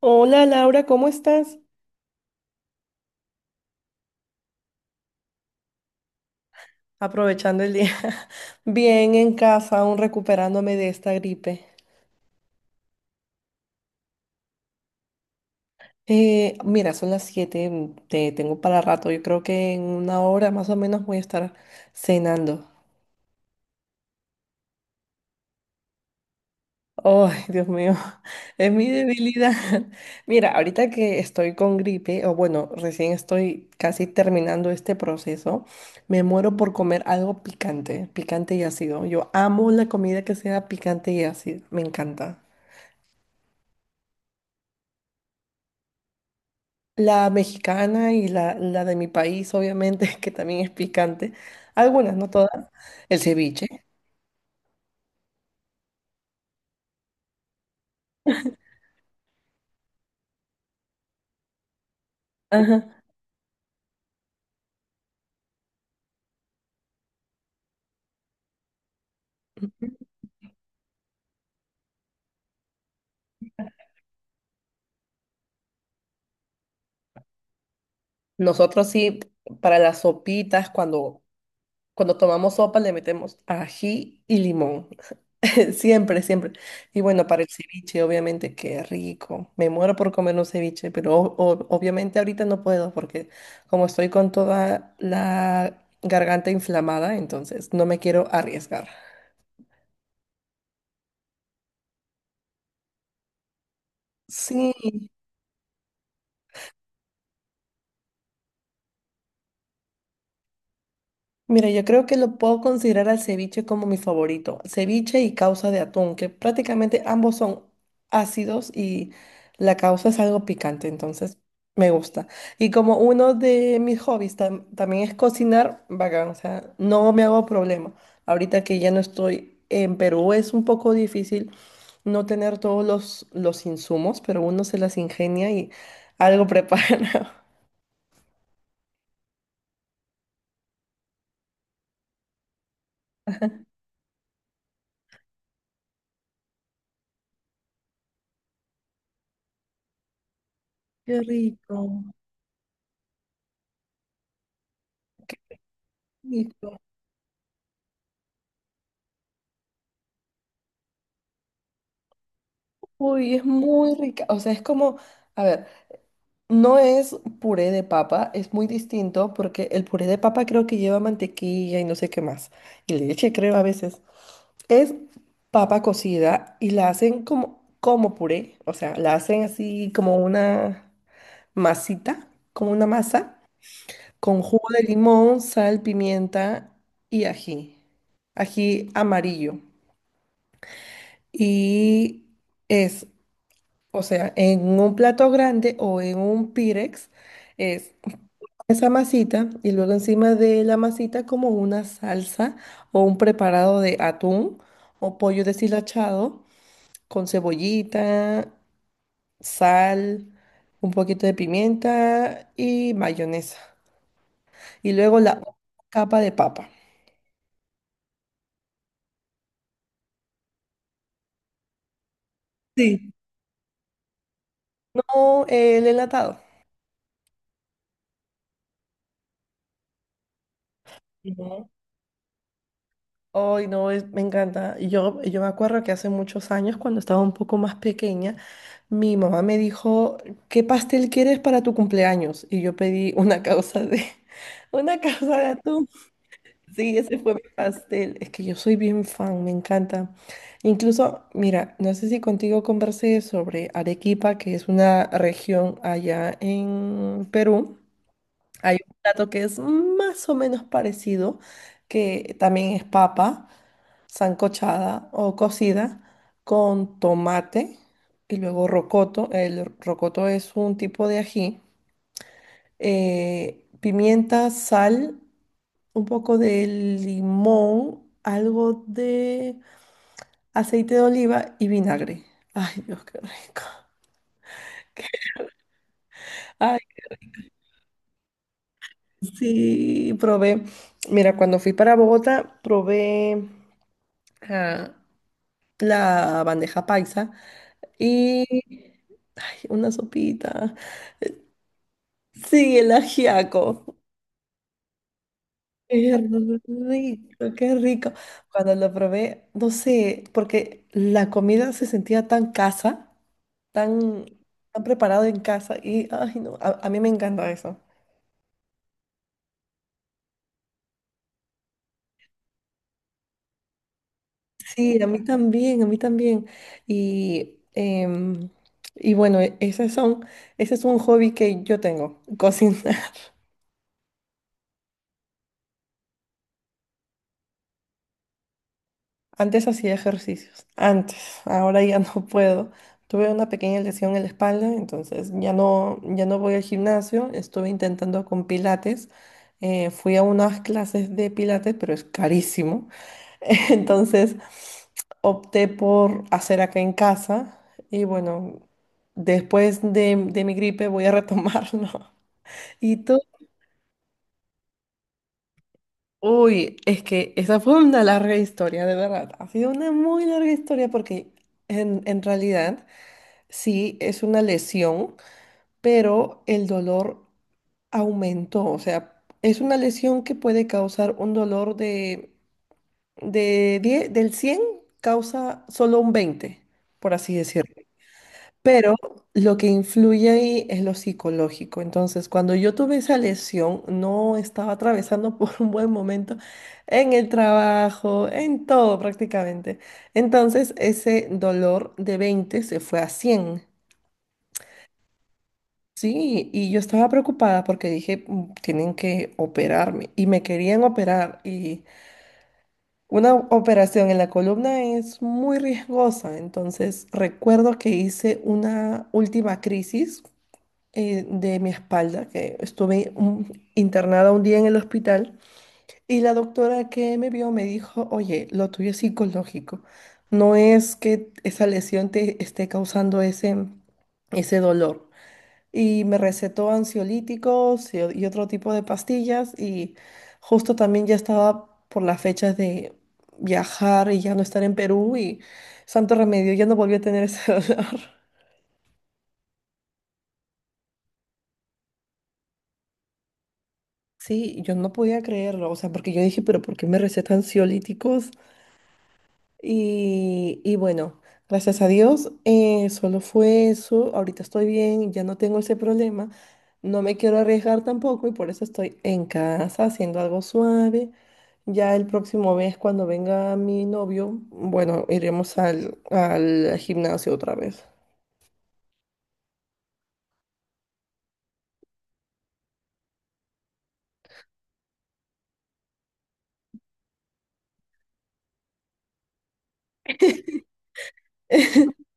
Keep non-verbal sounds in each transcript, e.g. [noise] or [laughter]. Hola Laura, ¿cómo estás? Aprovechando el día. [laughs] Bien en casa, aún recuperándome de esta gripe. Mira, son las 7, te tengo para rato. Yo creo que en una hora más o menos voy a estar cenando. Ay, Dios mío, [laughs] es mi debilidad. [laughs] Mira, ahorita que estoy con gripe, o bueno, recién estoy casi terminando este proceso, me muero por comer algo picante, picante y ácido. Yo amo la comida que sea picante y ácida, me encanta. La mexicana y la de mi país, obviamente, [laughs] que también es picante. Algunas, no todas. El ceviche. Ajá. Nosotros sí, para las sopitas, cuando tomamos sopa, le metemos ají y limón. [laughs] Siempre, siempre. Y bueno, para el ceviche, obviamente, qué rico. Me muero por comer un ceviche, pero obviamente ahorita no puedo porque como estoy con toda la garganta inflamada, entonces no me quiero arriesgar. Sí. Mira, yo creo que lo puedo considerar al ceviche como mi favorito. Ceviche y causa de atún, que prácticamente ambos son ácidos y la causa es algo picante, entonces me gusta. Y como uno de mis hobbies también es cocinar, bacán, o sea, no me hago problema. Ahorita que ya no estoy en Perú es un poco difícil no tener todos los insumos, pero uno se las ingenia y algo prepara. [laughs] Qué rico. Uy, es muy rica. O sea, es como, a ver, no es puré de papa, es muy distinto porque el puré de papa creo que lleva mantequilla y no sé qué más. Y leche, creo, a veces. Es papa cocida y la hacen como puré. O sea, la hacen así como una masita, como una masa, con jugo de limón, sal, pimienta y ají. Ají amarillo. Y es O sea, en un plato grande o en un pirex es esa masita y luego encima de la masita como una salsa o un preparado de atún o pollo deshilachado con cebollita, sal, un poquito de pimienta y mayonesa. Y luego la capa de papa. Sí. No, el enlatado. Ujú. Ay, no, me encanta. Yo me acuerdo que hace muchos años, cuando estaba un poco más pequeña, mi mamá me dijo, ¿qué pastel quieres para tu cumpleaños? Y yo pedí una causa de, [laughs] una causa de atún. Sí, ese fue mi pastel. Es que yo soy bien fan, me encanta. Incluso, mira, no sé si contigo conversé sobre Arequipa, que es una región allá en Perú. Hay un plato que es más o menos parecido, que también es papa sancochada o cocida con tomate y luego rocoto. El rocoto es un tipo de ají, pimienta, sal, un poco de limón, algo de aceite de oliva y vinagre. Ay, Dios, qué rico. Ay, sí, probé. Mira, cuando fui para Bogotá, probé ah, la bandeja paisa y ay, una sopita. Sí, el ajiaco. Qué rico, qué rico. Cuando lo probé, no sé, porque la comida se sentía tan casa, tan, tan preparado en casa y, ay, no, a mí me encanta eso. Sí, a mí también, a mí también. Y, em, y bueno, esas son, ese es un hobby que yo tengo, [laughs] cocinar. Antes hacía ejercicios, antes, ahora ya no [laughs] puedo. Tuve una pequeña lesión en la espalda, entonces ya no voy al gimnasio. Estuve intentando con pilates. Fui a unas clases de pilates, pero es carísimo. [laughs] Entonces opté por hacer acá en casa. Y bueno, después de mi gripe voy a retomarlo. [laughs] ¿Y tú? Uy, es que esa fue una larga historia, de verdad. Ha sido una muy larga historia porque en realidad sí es una lesión, pero el dolor aumentó. O sea, es una lesión que puede causar un dolor de 10 del 100 causa solo un 20, por así decirlo. Pero lo que influye ahí es lo psicológico. Entonces, cuando yo tuve esa lesión, no estaba atravesando [laughs] por un buen momento en el trabajo, en todo prácticamente. Entonces, ese dolor de 20 se fue a 100. Sí, y yo estaba preocupada porque dije, "Mm, tienen que operarme y me querían operar y una operación en la columna es muy riesgosa." Entonces, recuerdo que hice una última crisis de mi espalda, que estuve internada un día en el hospital y la doctora que me vio me dijo, oye, lo tuyo es psicológico, no es que esa lesión te esté causando ese dolor. Y me recetó ansiolíticos y otro tipo de pastillas y justo también ya estaba por las fechas de viajar y ya no estar en Perú y santo remedio, ya no volví a tener ese [laughs] dolor. Sí, yo no podía creerlo, o sea, porque yo dije, pero ¿por qué me recetan ansiolíticos? Y bueno, gracias a Dios, solo fue eso, ahorita estoy bien, ya no tengo ese problema, no me quiero arriesgar tampoco y por eso estoy en casa haciendo algo suave. Ya el próximo mes, cuando venga mi novio, bueno, iremos al gimnasio otra vez. [laughs]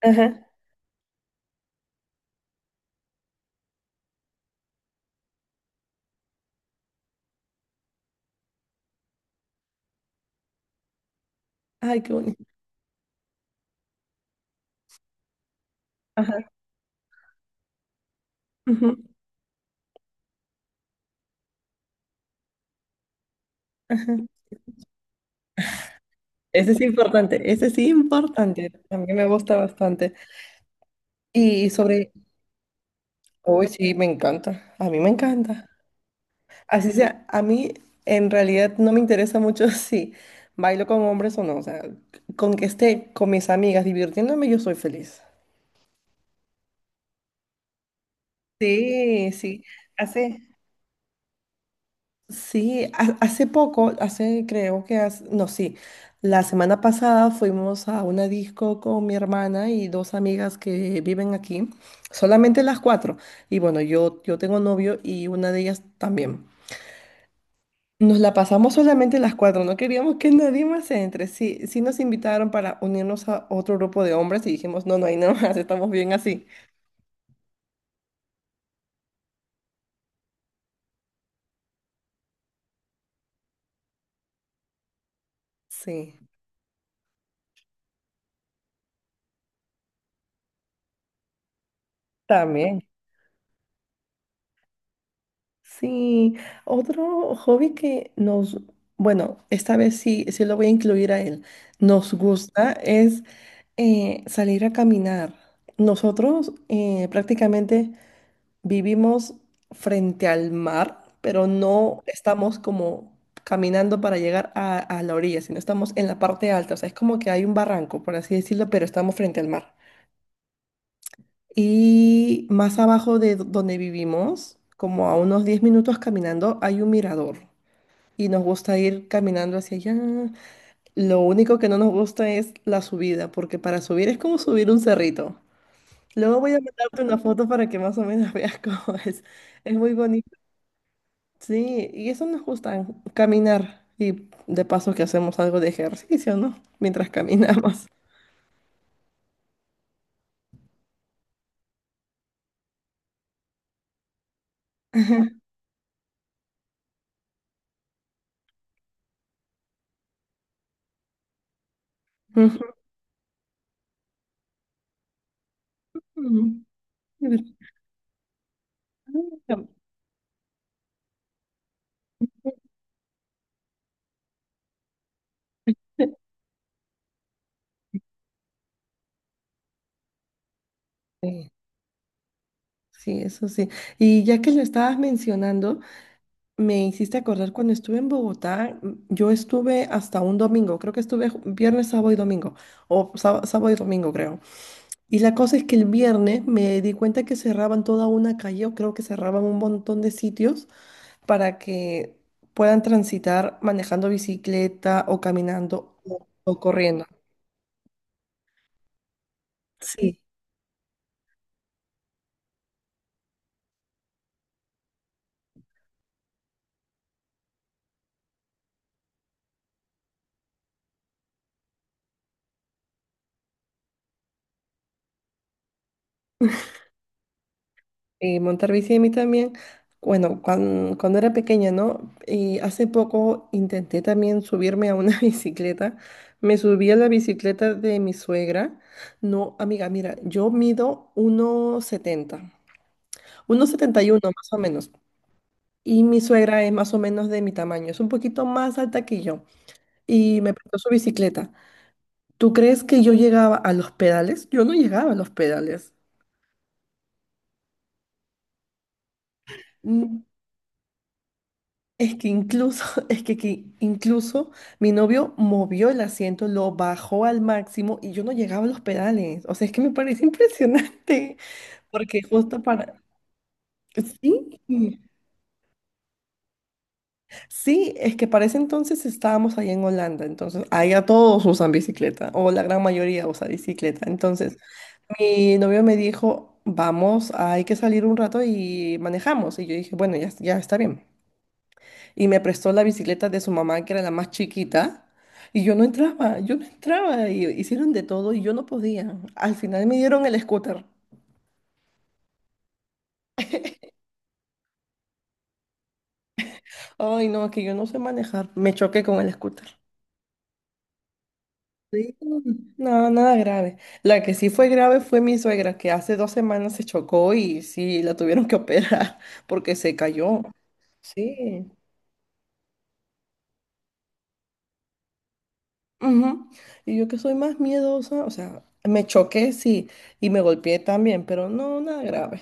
Ajá. Ay, qué bonito. Ajá. Ujú. Ajá. Ese es importante, ese sí importante, a mí me gusta bastante. Y sobre, hoy sí, me encanta, a mí me encanta. Así sea, a mí en realidad no me interesa mucho [laughs] si bailo con hombres o no, o sea, con que esté con mis amigas divirtiéndome, yo soy feliz. Sí, sí, hace, sí, hace poco, hace creo que no, sí, la semana pasada fuimos a una disco con mi hermana y dos amigas que viven aquí, solamente las cuatro. Y bueno, yo tengo novio y una de ellas también. Nos la pasamos solamente las cuatro, no queríamos que nadie más entre. Sí, sí nos invitaron para unirnos a otro grupo de hombres y dijimos, no, no hay nada más, estamos bien así. Sí, también. Sí, otro hobby que nos, bueno, esta vez sí, sí lo voy a incluir a él, nos gusta es salir a caminar. Nosotros prácticamente vivimos frente al mar, pero no estamos como caminando para llegar a la orilla, sino estamos en la parte alta, o sea, es como que hay un barranco, por así decirlo, pero estamos frente al mar. Y más abajo de donde vivimos, como a unos 10 minutos caminando, hay un mirador. Y nos gusta ir caminando hacia allá. Lo único que no nos gusta es la subida, porque para subir es como subir un cerrito. Luego voy a mandarte una foto para que más o menos [laughs] veas cómo es. Es muy bonito. Sí, y eso nos gusta, caminar. Y de paso que hacemos algo de ejercicio, ¿no? Mientras caminamos. [laughs] Ujú. Ujú. Sí. Sí, eso sí. Y ya que lo estabas mencionando, me hiciste acordar cuando estuve en Bogotá, yo estuve hasta un domingo, creo que estuve viernes, sábado y domingo, o sábado y domingo creo. Y la cosa es que el viernes me di cuenta que cerraban toda una calle, o creo que cerraban un montón de sitios para que puedan transitar manejando bicicleta o caminando o corriendo. Sí. Y montar bici a mí también. Bueno, cuando era pequeña, ¿no? Y hace poco intenté también subirme a una [laughs] bicicleta. Me subí a la bicicleta de mi suegra. No, amiga, mira, yo mido uno setenta, 1,71 más o menos. Y mi suegra es más o menos de mi tamaño. Es un poquito más alta que yo. Y me prestó su bicicleta. ¿Tú crees que yo llegaba a los pedales? Yo no llegaba a los pedales. Es que incluso, [laughs] es que incluso mi novio movió el asiento, lo bajó al máximo y yo no llegaba a los pedales. O sea, es que me parece [laughs] impresionante, porque justo para... Sí, sí, es que para ese entonces estábamos allá en Holanda, entonces allá todos usan bicicleta, o la gran mayoría usa bicicleta. Entonces, mi novio me dijo, vamos, hay que salir un rato y manejamos. Y yo dije, bueno, ya, ya está bien. Y me prestó la bicicleta de su mamá, que era la más chiquita, y yo no entraba, y hicieron de todo y yo no podía. Al final me dieron el scooter. Ay, no, es que yo no sé manejar. Me choqué con el scooter. Sí. No, nada grave. La que sí fue grave fue mi suegra, que hace 2 semanas se chocó y sí, la tuvieron que operar [laughs] porque se cayó. Sí. Ujú. Y yo que soy más miedosa, o sea, me choqué, sí, y me golpeé también, pero no, nada grave.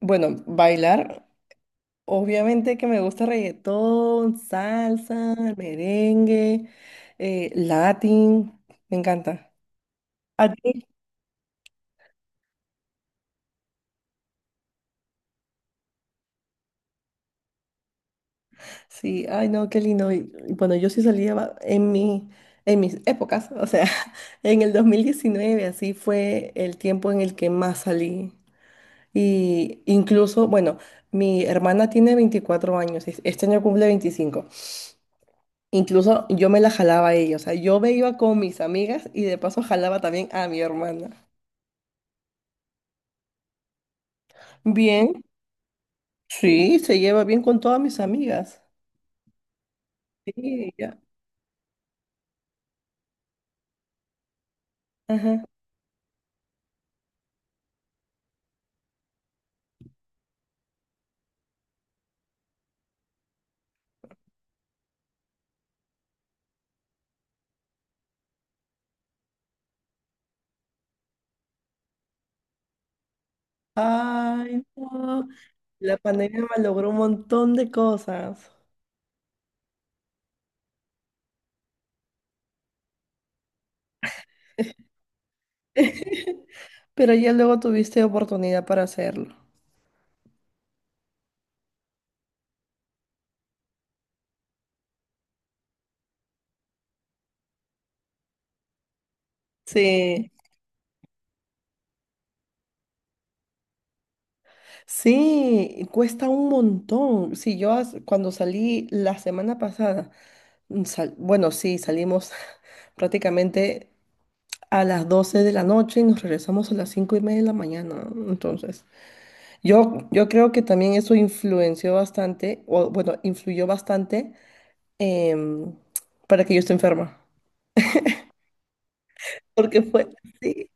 Bueno, bailar, obviamente que me gusta reggaetón, salsa, merengue, latín, me encanta. ¿A ti? Sí, ay no, qué lindo. Y bueno, yo sí salía en mis épocas, o sea, [laughs] en el 2019 así fue el tiempo en el que más salí. Y incluso, bueno, mi hermana tiene 24 años, este año cumple 25. Incluso yo me la jalaba a ella, o sea, yo me iba con mis amigas y de paso jalaba también a mi hermana. Bien, sí, se lleva bien con todas mis amigas. Sí, ya. Ajá. Ay, no. La pandemia malogró un montón de cosas. [laughs] Pero ya luego tuviste oportunidad para hacerlo. Sí, sí, cuesta un montón. Sí, yo cuando salí la semana pasada, bueno, sí, salimos [laughs] prácticamente a las 12 de la noche y nos regresamos a las 5:30 de la mañana. Entonces, yo creo que también eso influenció bastante, o bueno, influyó bastante em, para que yo esté enferma. Porque fue, sí,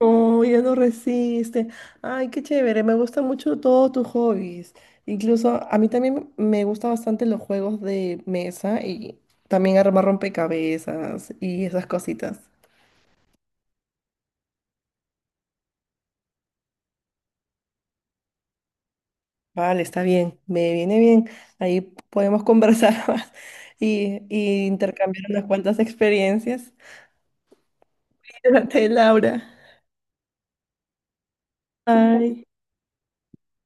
no, ya no resiste. Ay, qué chévere, me gustan mucho todos tus hobbies. Incluso a mí también me gustan bastante los juegos de mesa y también armar rompecabezas y esas cositas. Vale, está bien, me viene bien. Ahí podemos conversar [laughs] más y intercambiar unas cuantas experiencias. [laughs] Cuídate, Laura. Bye.